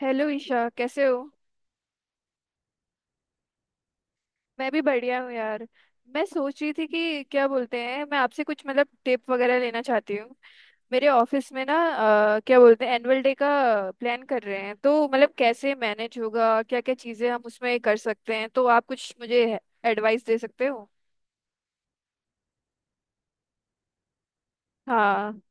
Hello Isha, कैसे हो। मैं भी बढ़िया हूँ यार। मैं सोच रही थी कि क्या बोलते हैं, मैं आपसे कुछ मतलब टिप वगैरह लेना चाहती हूँ। मेरे ऑफिस में ना क्या बोलते हैं एनुअल डे का प्लान कर रहे हैं, तो मतलब कैसे मैनेज होगा, क्या क्या चीज़ें हम उसमें कर सकते हैं, तो आप कुछ मुझे एडवाइस दे सकते हो। हाँ।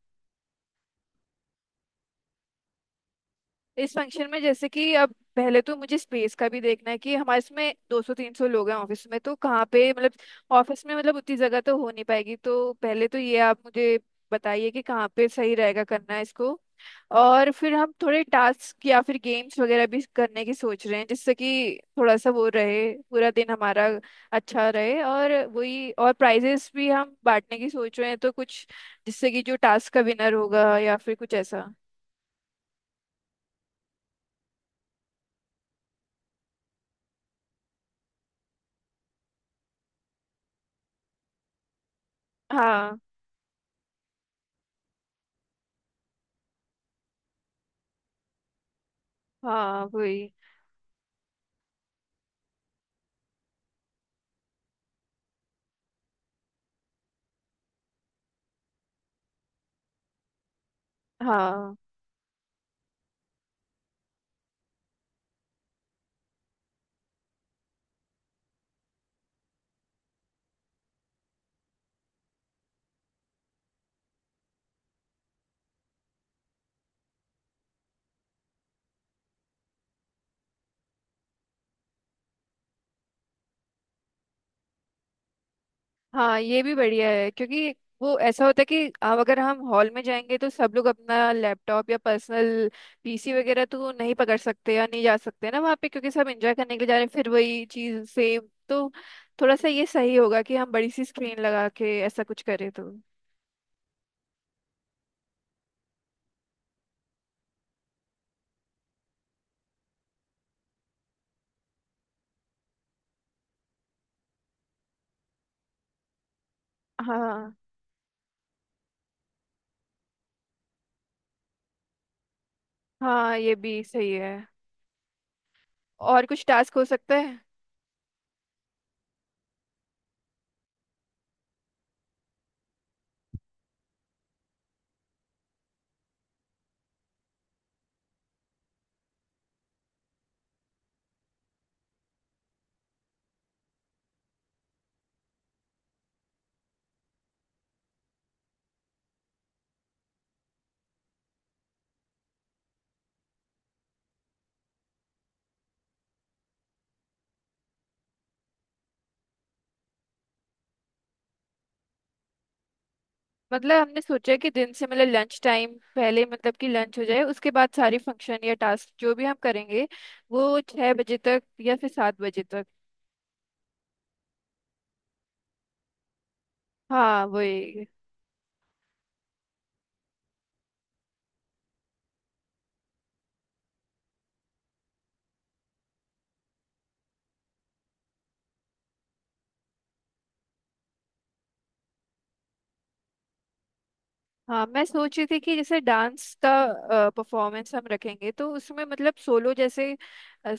इस फंक्शन में जैसे कि अब पहले तो मुझे स्पेस का भी देखना है कि हमारे इसमें 200 300 लोग हैं ऑफिस में, तो कहाँ पे मतलब ऑफिस में मतलब उतनी जगह तो हो नहीं पाएगी, तो पहले तो ये आप मुझे बताइए कि कहाँ पे सही रहेगा करना है इसको। और फिर हम थोड़े टास्क या फिर गेम्स वगैरह भी करने की सोच रहे हैं जिससे कि थोड़ा सा वो रहे, पूरा दिन हमारा अच्छा रहे। और वही, और प्राइजेस भी हम बांटने की सोच रहे हैं, तो कुछ जिससे कि जो टास्क का विनर होगा या फिर कुछ ऐसा। हाँ हाँ वही। हाँ। हाँ, ये भी बढ़िया है क्योंकि वो ऐसा होता है कि अब अगर हम हॉल में जाएंगे तो सब लोग अपना लैपटॉप या पर्सनल पीसी वगैरह तो नहीं पकड़ सकते या नहीं जा सकते ना वहाँ पे, क्योंकि सब एंजॉय करने के लिए जा रहे हैं, फिर वही चीज़ सेम। तो थोड़ा सा ये सही होगा कि हम बड़ी सी स्क्रीन लगा के ऐसा कुछ करें तो। हाँ हाँ, ये भी सही है। और कुछ टास्क हो सकता है। मतलब हमने सोचा कि दिन से मतलब लंच टाइम पहले मतलब कि लंच हो जाए, उसके बाद सारी फंक्शन या टास्क जो भी हम करेंगे वो 6 बजे तक या फिर 7 बजे तक। हाँ वही। हाँ, मैं सोच रही थी कि जैसे डांस का परफॉर्मेंस हम रखेंगे तो उसमें मतलब सोलो जैसे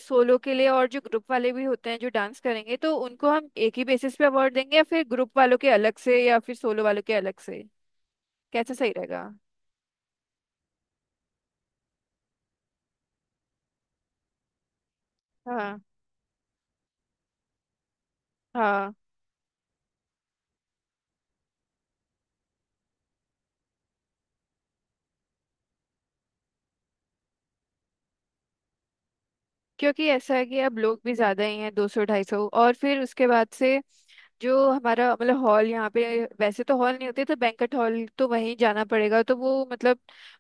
सोलो के लिए, और जो ग्रुप वाले भी होते हैं जो डांस करेंगे, तो उनको हम एक ही बेसिस पे अवार्ड देंगे या फिर ग्रुप वालों के अलग से या फिर सोलो वालों के अलग से, कैसा सही रहेगा। हाँ हाँ। क्योंकि ऐसा है कि अब लोग भी ज्यादा ही हैं, 200 250। और फिर उसके बाद से जो हमारा मतलब हॉल, यहाँ पे वैसे तो हॉल नहीं होते तो बैंक्वेट हॉल तो वहीं जाना पड़ेगा, तो वो मतलब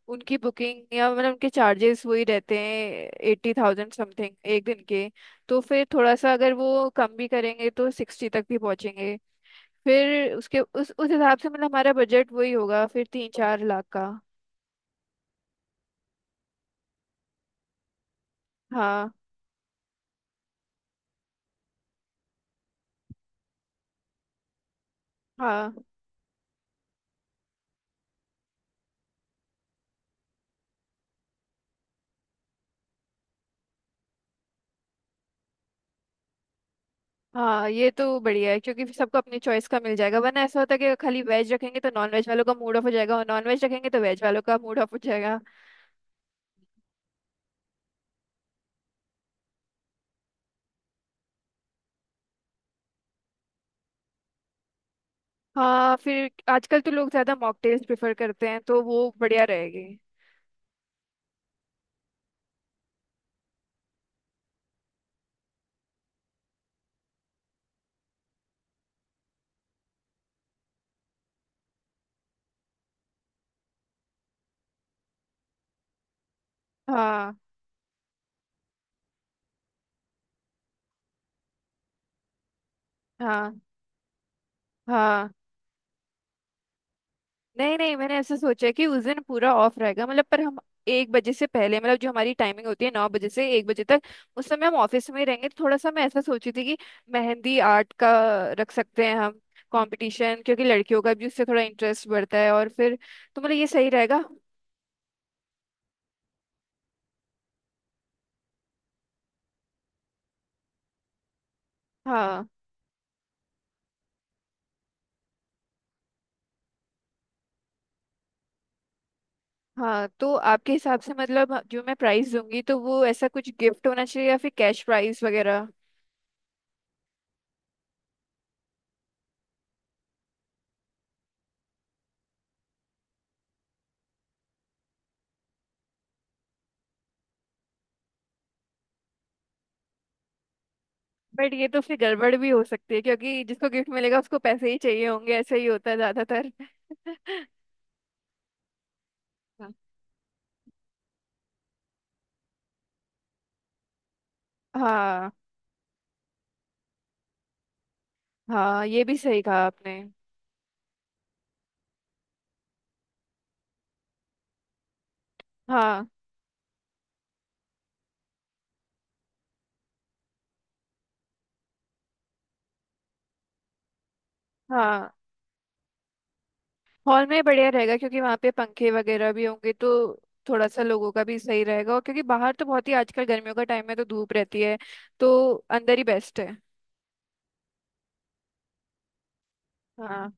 उनकी बुकिंग या मतलब उनके चार्जेस वही रहते हैं, 80,000 समथिंग एक दिन के। तो फिर थोड़ा सा अगर वो कम भी करेंगे तो 60 तक भी पहुंचेंगे। फिर उसके उस हिसाब से मतलब हमारा बजट वही होगा, फिर 3-4 लाख का। हाँ हाँ। हाँ, ये तो बढ़िया है क्योंकि फिर सबको अपनी चॉइस का मिल जाएगा, वरना ऐसा होता है कि अगर खाली वेज रखेंगे तो नॉन वेज वालों का मूड ऑफ हो जाएगा और नॉन वेज रखेंगे तो वेज वालों का मूड ऑफ हो जाएगा। हाँ, फिर आजकल तो लोग ज्यादा मॉकटेल्स प्रेफर करते हैं तो वो बढ़िया रहेगी। हाँ हाँ। हाँ, नहीं नहीं, मैंने ऐसे सोचा है कि उस दिन पूरा ऑफ रहेगा मतलब, पर हम 1 बजे से पहले मतलब जो हमारी टाइमिंग होती है 9 बजे से 1 बजे तक, उस समय हम ऑफिस में ही रहेंगे। तो थोड़ा सा मैं ऐसा सोची थी कि मेहंदी आर्ट का रख सकते हैं हम, कंपटीशन, क्योंकि लड़कियों का भी उससे थोड़ा इंटरेस्ट बढ़ता है और फिर, तो मतलब ये सही रहेगा। हाँ। हाँ, तो आपके हिसाब से मतलब जो मैं प्राइस दूंगी तो वो ऐसा कुछ गिफ्ट होना चाहिए या फिर कैश प्राइस वगैरह। बट ये तो फिर गड़बड़ भी हो सकती है क्योंकि जिसको गिफ्ट मिलेगा उसको पैसे ही चाहिए होंगे, ऐसा ही होता है ज्यादातर। हाँ हाँ, ये भी सही कहा आपने। हाँ। हाँ, हॉल में बढ़िया रहेगा क्योंकि वहाँ पे पंखे वगैरह भी होंगे तो थोड़ा सा लोगों का भी सही रहेगा, और क्योंकि बाहर तो बहुत ही आजकल गर्मियों का टाइम है तो धूप रहती है, तो अंदर ही बेस्ट है। हाँ,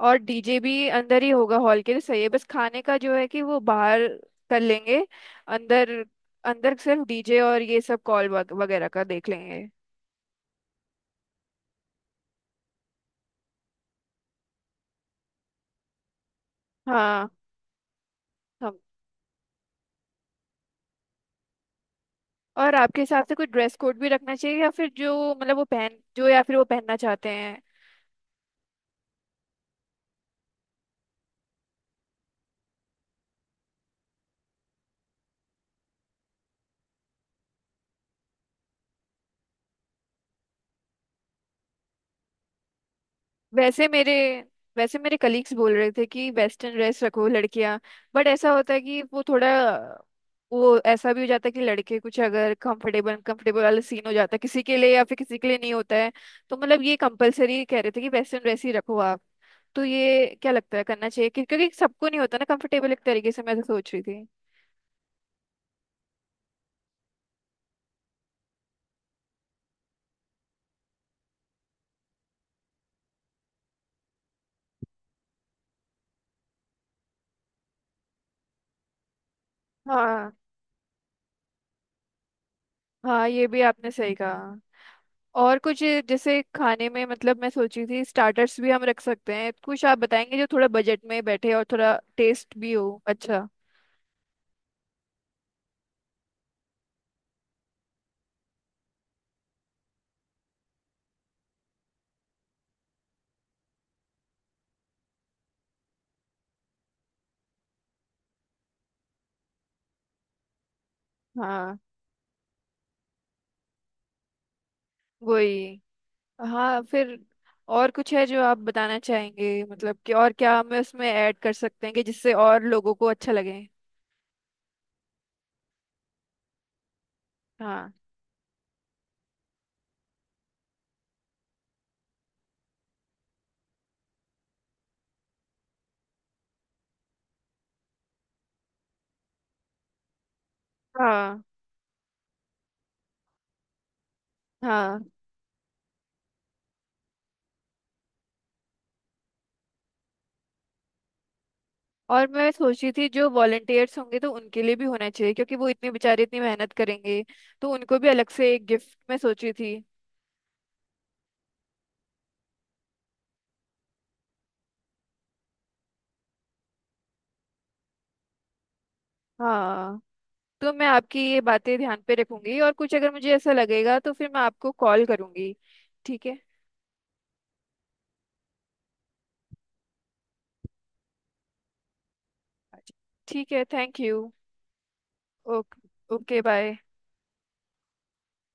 और डीजे भी अंदर ही होगा, हॉल के लिए सही है। बस खाने का जो है कि वो बाहर कर लेंगे, अंदर अंदर सिर्फ डीजे और ये सब कॉल वगैरह का देख लेंगे। हाँ। हम। और आपके हिसाब से कोई ड्रेस कोड भी रखना चाहिए या फिर जो मतलब वो पहन जो या फिर वो पहनना चाहते हैं। वैसे मेरे वैसे मेरे कलीग्स बोल रहे थे कि वेस्टर्न ड्रेस रखो लड़कियां, बट ऐसा होता है कि वो थोड़ा वो ऐसा भी हो जाता है कि लड़के कुछ अगर कंफर्टेबल कंफर्टेबल वाला सीन हो जाता है किसी के लिए या फिर किसी के लिए नहीं होता है। तो मतलब ये कंपलसरी कह रहे थे कि वेस्टर्न ड्रेस ही रखो आप। तो ये क्या लगता है करना चाहिए क्योंकि सबको नहीं होता ना कंफर्टेबल एक तरीके से, मैं तो सोच रही थी। हाँ हाँ, ये भी आपने सही कहा। और कुछ जैसे खाने में मतलब मैं सोच रही थी स्टार्टर्स भी हम रख सकते हैं, कुछ आप बताएंगे जो थोड़ा बजट में बैठे और थोड़ा टेस्ट भी हो अच्छा। हाँ वही। हाँ फिर, और कुछ है जो आप बताना चाहेंगे मतलब कि और क्या हमें उसमें ऐड कर सकते हैं कि जिससे और लोगों को अच्छा लगे। हाँ हाँ हाँ। और मैं सोच रही थी जो वॉलंटियर्स होंगे तो उनके लिए भी होना चाहिए क्योंकि वो इतने बेचारे इतनी मेहनत करेंगे, तो उनको भी अलग से एक गिफ्ट मैं सोची थी। हाँ, तो मैं आपकी ये बातें ध्यान पे रखूंगी, और कुछ अगर मुझे ऐसा लगेगा तो फिर मैं आपको कॉल करूंगी, ठीक है। अच्छा, ठीक है, thank you. Okay okay, bye.